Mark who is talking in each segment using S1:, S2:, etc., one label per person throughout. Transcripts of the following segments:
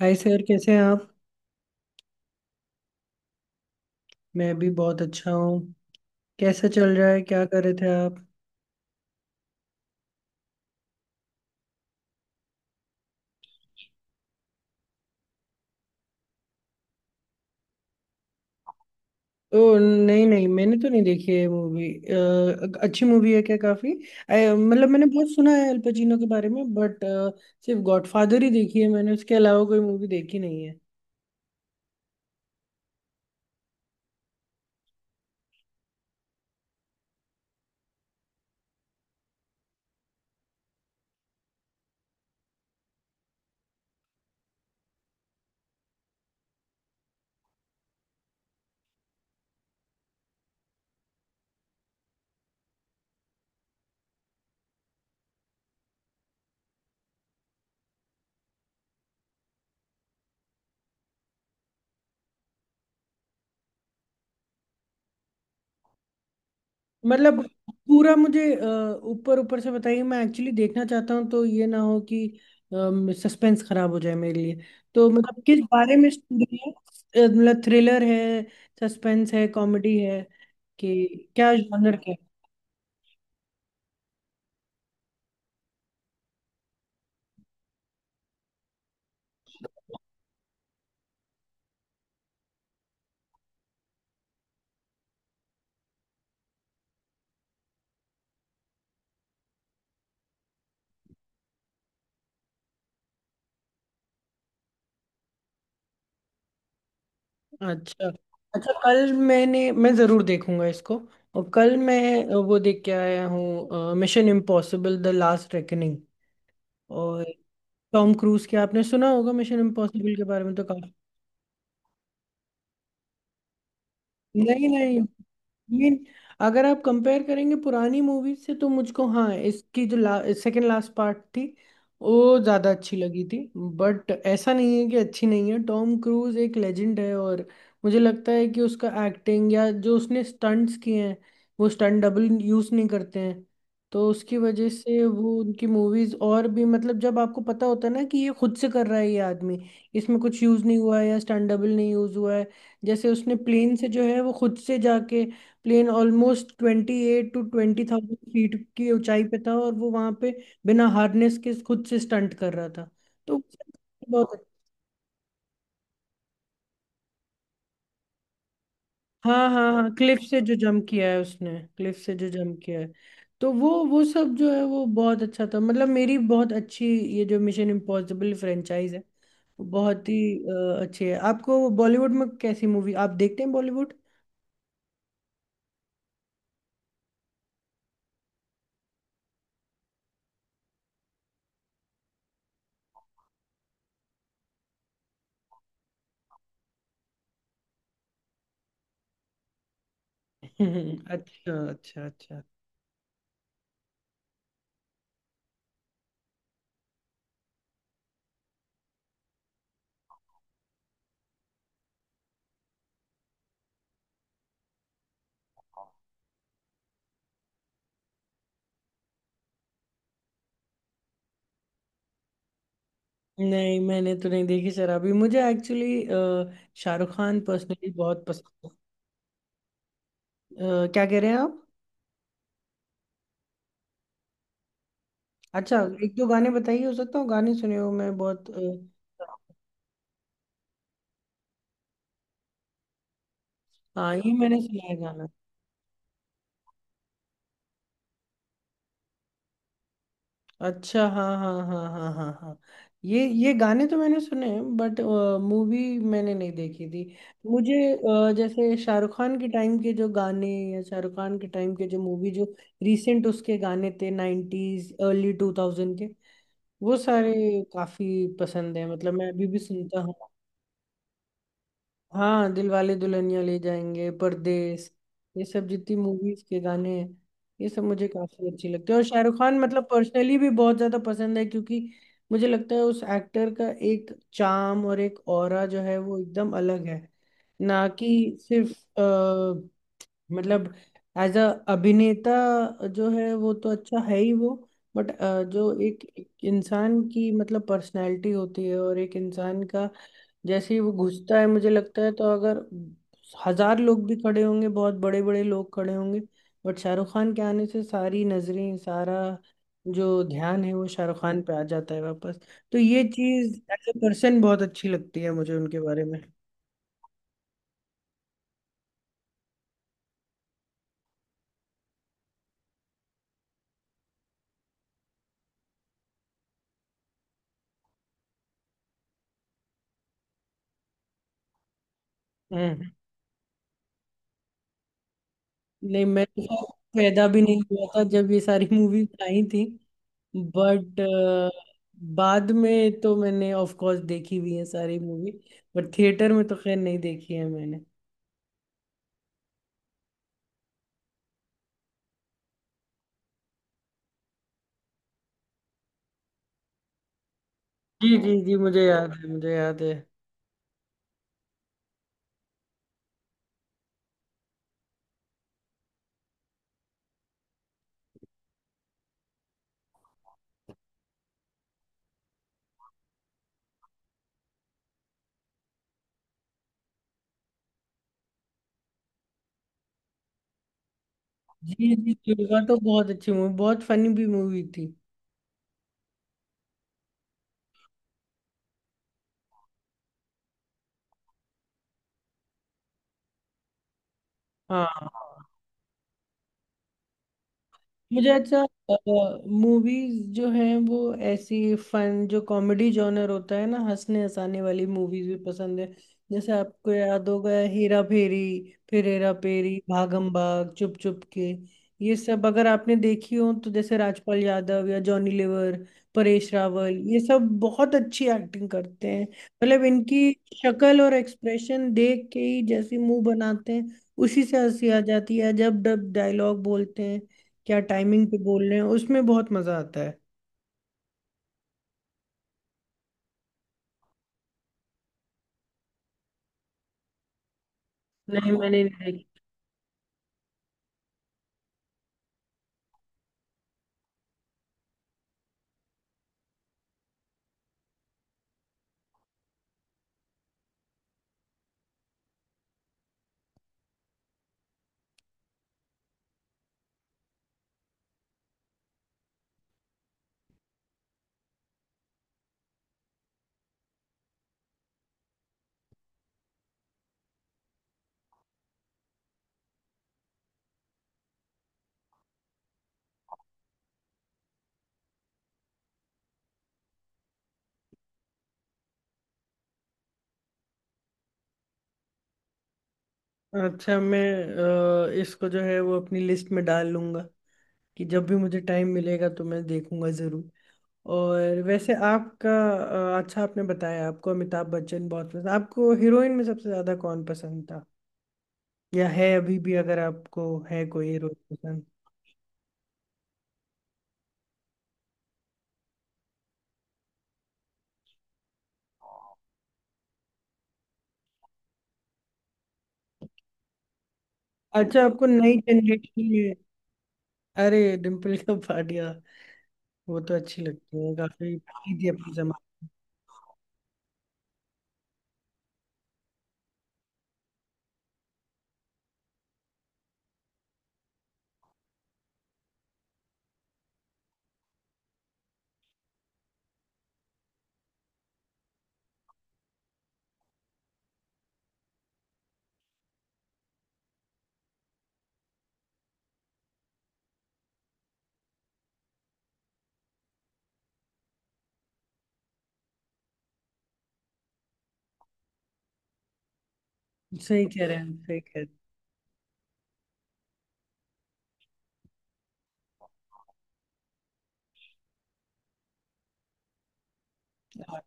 S1: हाय sir, कैसे हैं आप? मैं भी बहुत अच्छा हूँ। कैसा चल रहा है, क्या कर रहे थे आप? ओ नहीं नहीं, मैंने तो नहीं देखी है मूवी। अच्छी मूवी है क्या? काफी मतलब मैंने बहुत सुना है अल पचिनो के बारे में बट सिर्फ गॉडफादर ही देखी है मैंने, उसके अलावा कोई मूवी देखी नहीं। मतलब पूरा मुझे ऊपर ऊपर से बताइए, मैं एक्चुअली देखना चाहता हूँ तो ये ना हो कि सस्पेंस खराब हो जाए मेरे लिए। तो मतलब किस बारे में स्टोरी है? मतलब थ्रिलर है? सस्पेंस है? कॉमेडी है? कि क्या जॉनर है? अच्छा। अच्छा, कल मैं ज़रूर देखूंगा इसको। और कल मैं वो देख के आया हूँ Mission Impossible the last reckoning. और टॉम क्रूज के, आपने सुना होगा मिशन इम्पॉसिबल के बारे में तो। नहीं नहीं। मीन, अगर आप कंपेयर करेंगे पुरानी मूवीज से तो मुझको, हाँ, इसकी जो सेकंड लास्ट पार्ट थी वो ज़्यादा अच्छी लगी थी। बट ऐसा नहीं है कि अच्छी नहीं है, टॉम क्रूज एक लेजेंड है, और मुझे लगता है कि उसका एक्टिंग या जो उसने स्टंट्स किए हैं, वो स्टंट डबल यूज़ नहीं करते हैं। तो उसकी वजह से वो उनकी मूवीज़ और भी, मतलब जब आपको पता होता है ना कि ये खुद से कर रहा है ये आदमी, इसमें कुछ यूज़ नहीं हुआ है या स्टंट डबल नहीं यूज़ हुआ है। जैसे उसने प्लेन से जो है वो खुद से जाके, प्लेन ऑलमोस्ट 28 to 20,000 फीट की ऊंचाई पे था, और वो वहां पे बिना हार्नेस के खुद से स्टंट कर रहा था। तो उसे बहुत। हाँ हाँ हाँ, क्लिफ से जो जंप किया है उसने, क्लिफ से जो जंप किया है। तो वो सब जो है वो बहुत अच्छा था, मतलब मेरी बहुत अच्छी। ये जो मिशन इम्पॉसिबल फ्रेंचाइज है वो बहुत ही अच्छी है। आपको बॉलीवुड में कैसी मूवी आप देखते हैं, बॉलीवुड? अच्छा अच्छा अच्छा। नहीं मैंने तो नहीं देखी शराबी, मुझे एक्चुअली शाहरुख खान पर्सनली बहुत पसंद है। क्या कह रहे हैं आप? अच्छा। एक दो गाने बताइए, हो सकता हूँ गाने सुने हो, मैं बहुत। हाँ, ये मैंने सुना है गाना। अच्छा, हाँ हाँ हाँ हाँ हाँ हाँ। ये गाने तो मैंने सुने हैं, बट मूवी मैंने नहीं देखी थी। मुझे जैसे शाहरुख खान के टाइम के जो गाने, या शाहरुख खान के टाइम के जो मूवी जो रिसेंट, उसके गाने थे नाइन्टीज अर्ली 2000 के, वो सारे काफी पसंद है, मतलब मैं अभी भी सुनता हूँ। हाँ, दिलवाले दुल्हनिया ले जाएंगे, परदेश, ये सब जितनी मूवीज के गाने हैं ये सब मुझे काफी अच्छी लगती है, और शाहरुख खान मतलब पर्सनली भी बहुत ज्यादा पसंद है क्योंकि मुझे लगता है उस एक्टर का एक चार्म और एक ऑरा जो है वो एकदम अलग है, ना कि सिर्फ मतलब एज अ अभिनेता जो है वो तो अच्छा है ही वो। बट जो एक एक इंसान की मतलब पर्सनालिटी होती है और एक इंसान का, जैसे ही वो घुसता है मुझे लगता है, तो अगर हजार लोग भी खड़े होंगे, बहुत बड़े बड़े लोग खड़े होंगे, बट शाहरुख खान के आने से सारी नजरें, सारा जो ध्यान है वो शाहरुख खान पे आ जाता है वापस। तो ये चीज एज ए पर्सन बहुत अच्छी लगती है मुझे उनके बारे में। हम्म। नहीं, मैं तो पैदा भी नहीं हुआ था जब ये सारी मूवीज आई थी। बट बाद में तो मैंने ऑफ कोर्स देखी हुई है सारी मूवी, बट थिएटर में तो खैर नहीं देखी है मैंने। जी जी जी, मुझे याद है, मुझे याद है। जी जी, दुर्गा तो बहुत अच्छी मूवी, बहुत फनी भी मूवी थी। हाँ। मुझे अच्छा मूवीज जो हैं वो, ऐसी फन जो कॉमेडी जॉनर होता है ना, हंसने हंसाने वाली मूवीज भी पसंद है। जैसे आपको याद होगा हेरा फेरी, फिर हेरा फेरी, भागम भाग, चुप चुप के, ये सब अगर आपने देखी हो तो, जैसे राजपाल यादव या जॉनी लीवर, परेश रावल, ये सब बहुत अच्छी एक्टिंग करते हैं। मतलब इनकी शक्ल और एक्सप्रेशन देख के ही, जैसी मुंह बनाते हैं उसी से हंसी आ जाती है, जब डब डायलॉग बोलते हैं, क्या टाइमिंग पे बोल रहे हैं, उसमें बहुत मजा आता है। नहीं मैंने नहीं देखी। अच्छा, मैं इसको जो है वो अपनी लिस्ट में डाल लूंगा कि जब भी मुझे टाइम मिलेगा तो मैं देखूंगा जरूर। और वैसे आपका, अच्छा, आपने बताया आपको अमिताभ बच्चन बहुत पसंद, आपको हीरोइन में सबसे ज्यादा कौन पसंद था या है अभी भी, अगर आपको है कोई हीरोइन पसंद? अच्छा, आपको नई जनरेशन में। अरे, डिम्पल कपाड़िया, वो तो अच्छी लगती है, काफी थी अपने जमाने। सही कह रहे हैं, सही कह रहे हैं।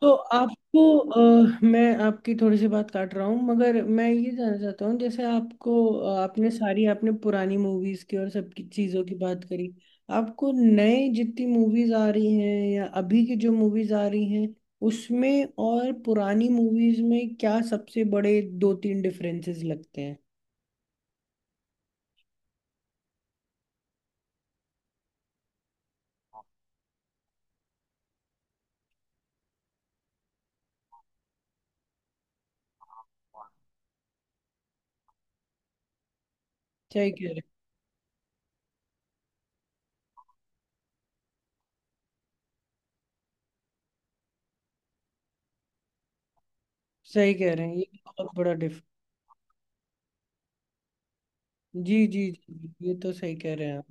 S1: तो आपको मैं आपकी थोड़ी सी बात काट रहा हूँ, मगर मैं ये जानना चाहता हूँ, जैसे आपको आपने सारी, आपने पुरानी मूवीज की और सबकी चीज़ों की बात करी, आपको नए जितनी मूवीज आ रही हैं या अभी की जो मूवीज आ रही हैं, उसमें और पुरानी मूवीज में क्या सबसे बड़े दो तीन डिफरेंसेस लगते हैं? सही कह रहे हैं। सही कह रहे हैं, ये बहुत बड़ा डिफरेंस। जी जी जी जी, ये तो सही कह रहे हैं आप।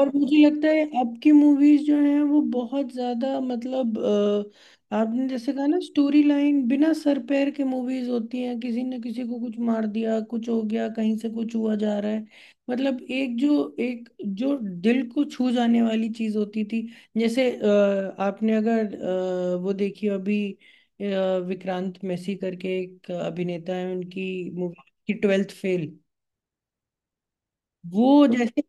S1: और मुझे लगता है अब की मूवीज जो हैं वो बहुत ज्यादा, मतलब आपने जैसे कहा ना, स्टोरी लाइन बिना सर पैर के मूवीज होती हैं, किसी ने किसी को कुछ मार दिया, कुछ हो गया, कहीं से कुछ हुआ जा रहा है। मतलब एक जो दिल को छू जाने वाली चीज होती थी। जैसे आपने अगर वो देखी हो अभी, विक्रांत मैसी करके एक अभिनेता है, उनकी मूवी की 12th फेल। वो जैसे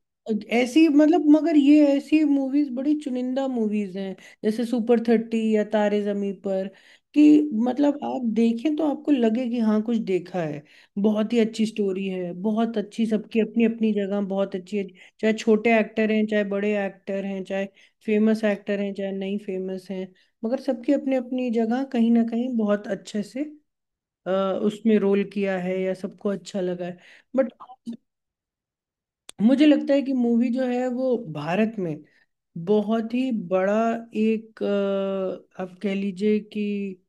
S1: ऐसी, मतलब मगर ये ऐसी मूवीज बड़ी चुनिंदा मूवीज हैं, जैसे सुपर थर्टी या तारे जमी पर, कि मतलब आप देखें तो आपको लगे कि हाँ कुछ देखा है। बहुत ही अच्छी स्टोरी है, बहुत अच्छी, सबकी अपनी अपनी जगह बहुत अच्छी है, चाहे छोटे एक्टर हैं चाहे बड़े एक्टर हैं, चाहे फेमस एक्टर हैं चाहे नहीं फेमस हैं, मगर सबकी अपनी अपनी जगह कहीं ना कहीं बहुत अच्छे से अ, उसमें रोल किया है, या सबको अच्छा लगा है। बट मुझे लगता है कि मूवी जो है वो भारत में बहुत ही बड़ा एक आप कह लीजिए कि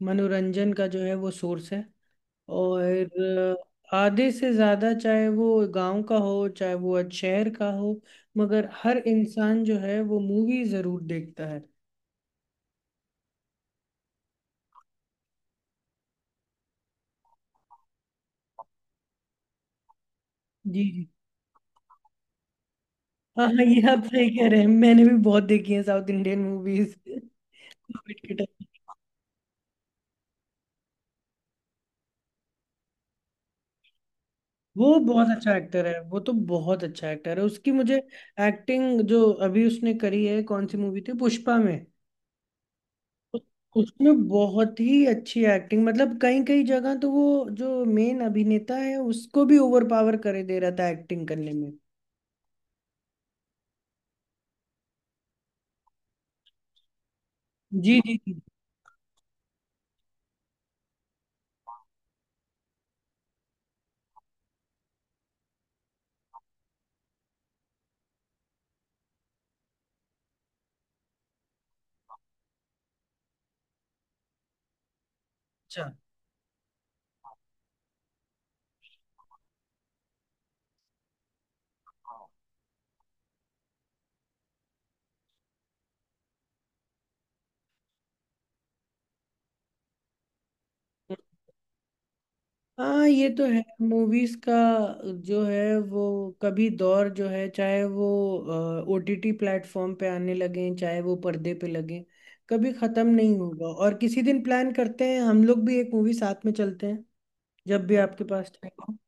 S1: मनोरंजन का जो है वो सोर्स है। और आधे से ज़्यादा, चाहे वो गांव का हो चाहे वो आज शहर का हो, मगर हर इंसान जो है वो मूवी ज़रूर देखता है। जी जी। हाँ हाँ, ये आप सही कह रहे हैं, मैंने भी बहुत देखी है साउथ इंडियन मूवीज कोविड के। वो बहुत अच्छा एक्टर है, वो तो बहुत अच्छा एक्टर है, उसकी मुझे एक्टिंग जो अभी उसने करी है, कौन सी मूवी थी, पुष्पा में। उस- उसमें बहुत ही अच्छी एक्टिंग, मतलब कई कई जगह तो वो जो मेन अभिनेता है उसको भी ओवर पावर करे दे रहा था एक्टिंग करने में। जी जी जी। अच्छा। हाँ, ये तो है। मूवीज का जो है वो, कभी दौर जो है, चाहे वो ओटीटी प्लेटफॉर्म पे आने लगे चाहे वो पर्दे पे लगे, कभी खत्म नहीं होगा, और किसी दिन प्लान करते हैं, हम लोग भी एक मूवी साथ में चलते हैं जब भी आपके पास टाइम।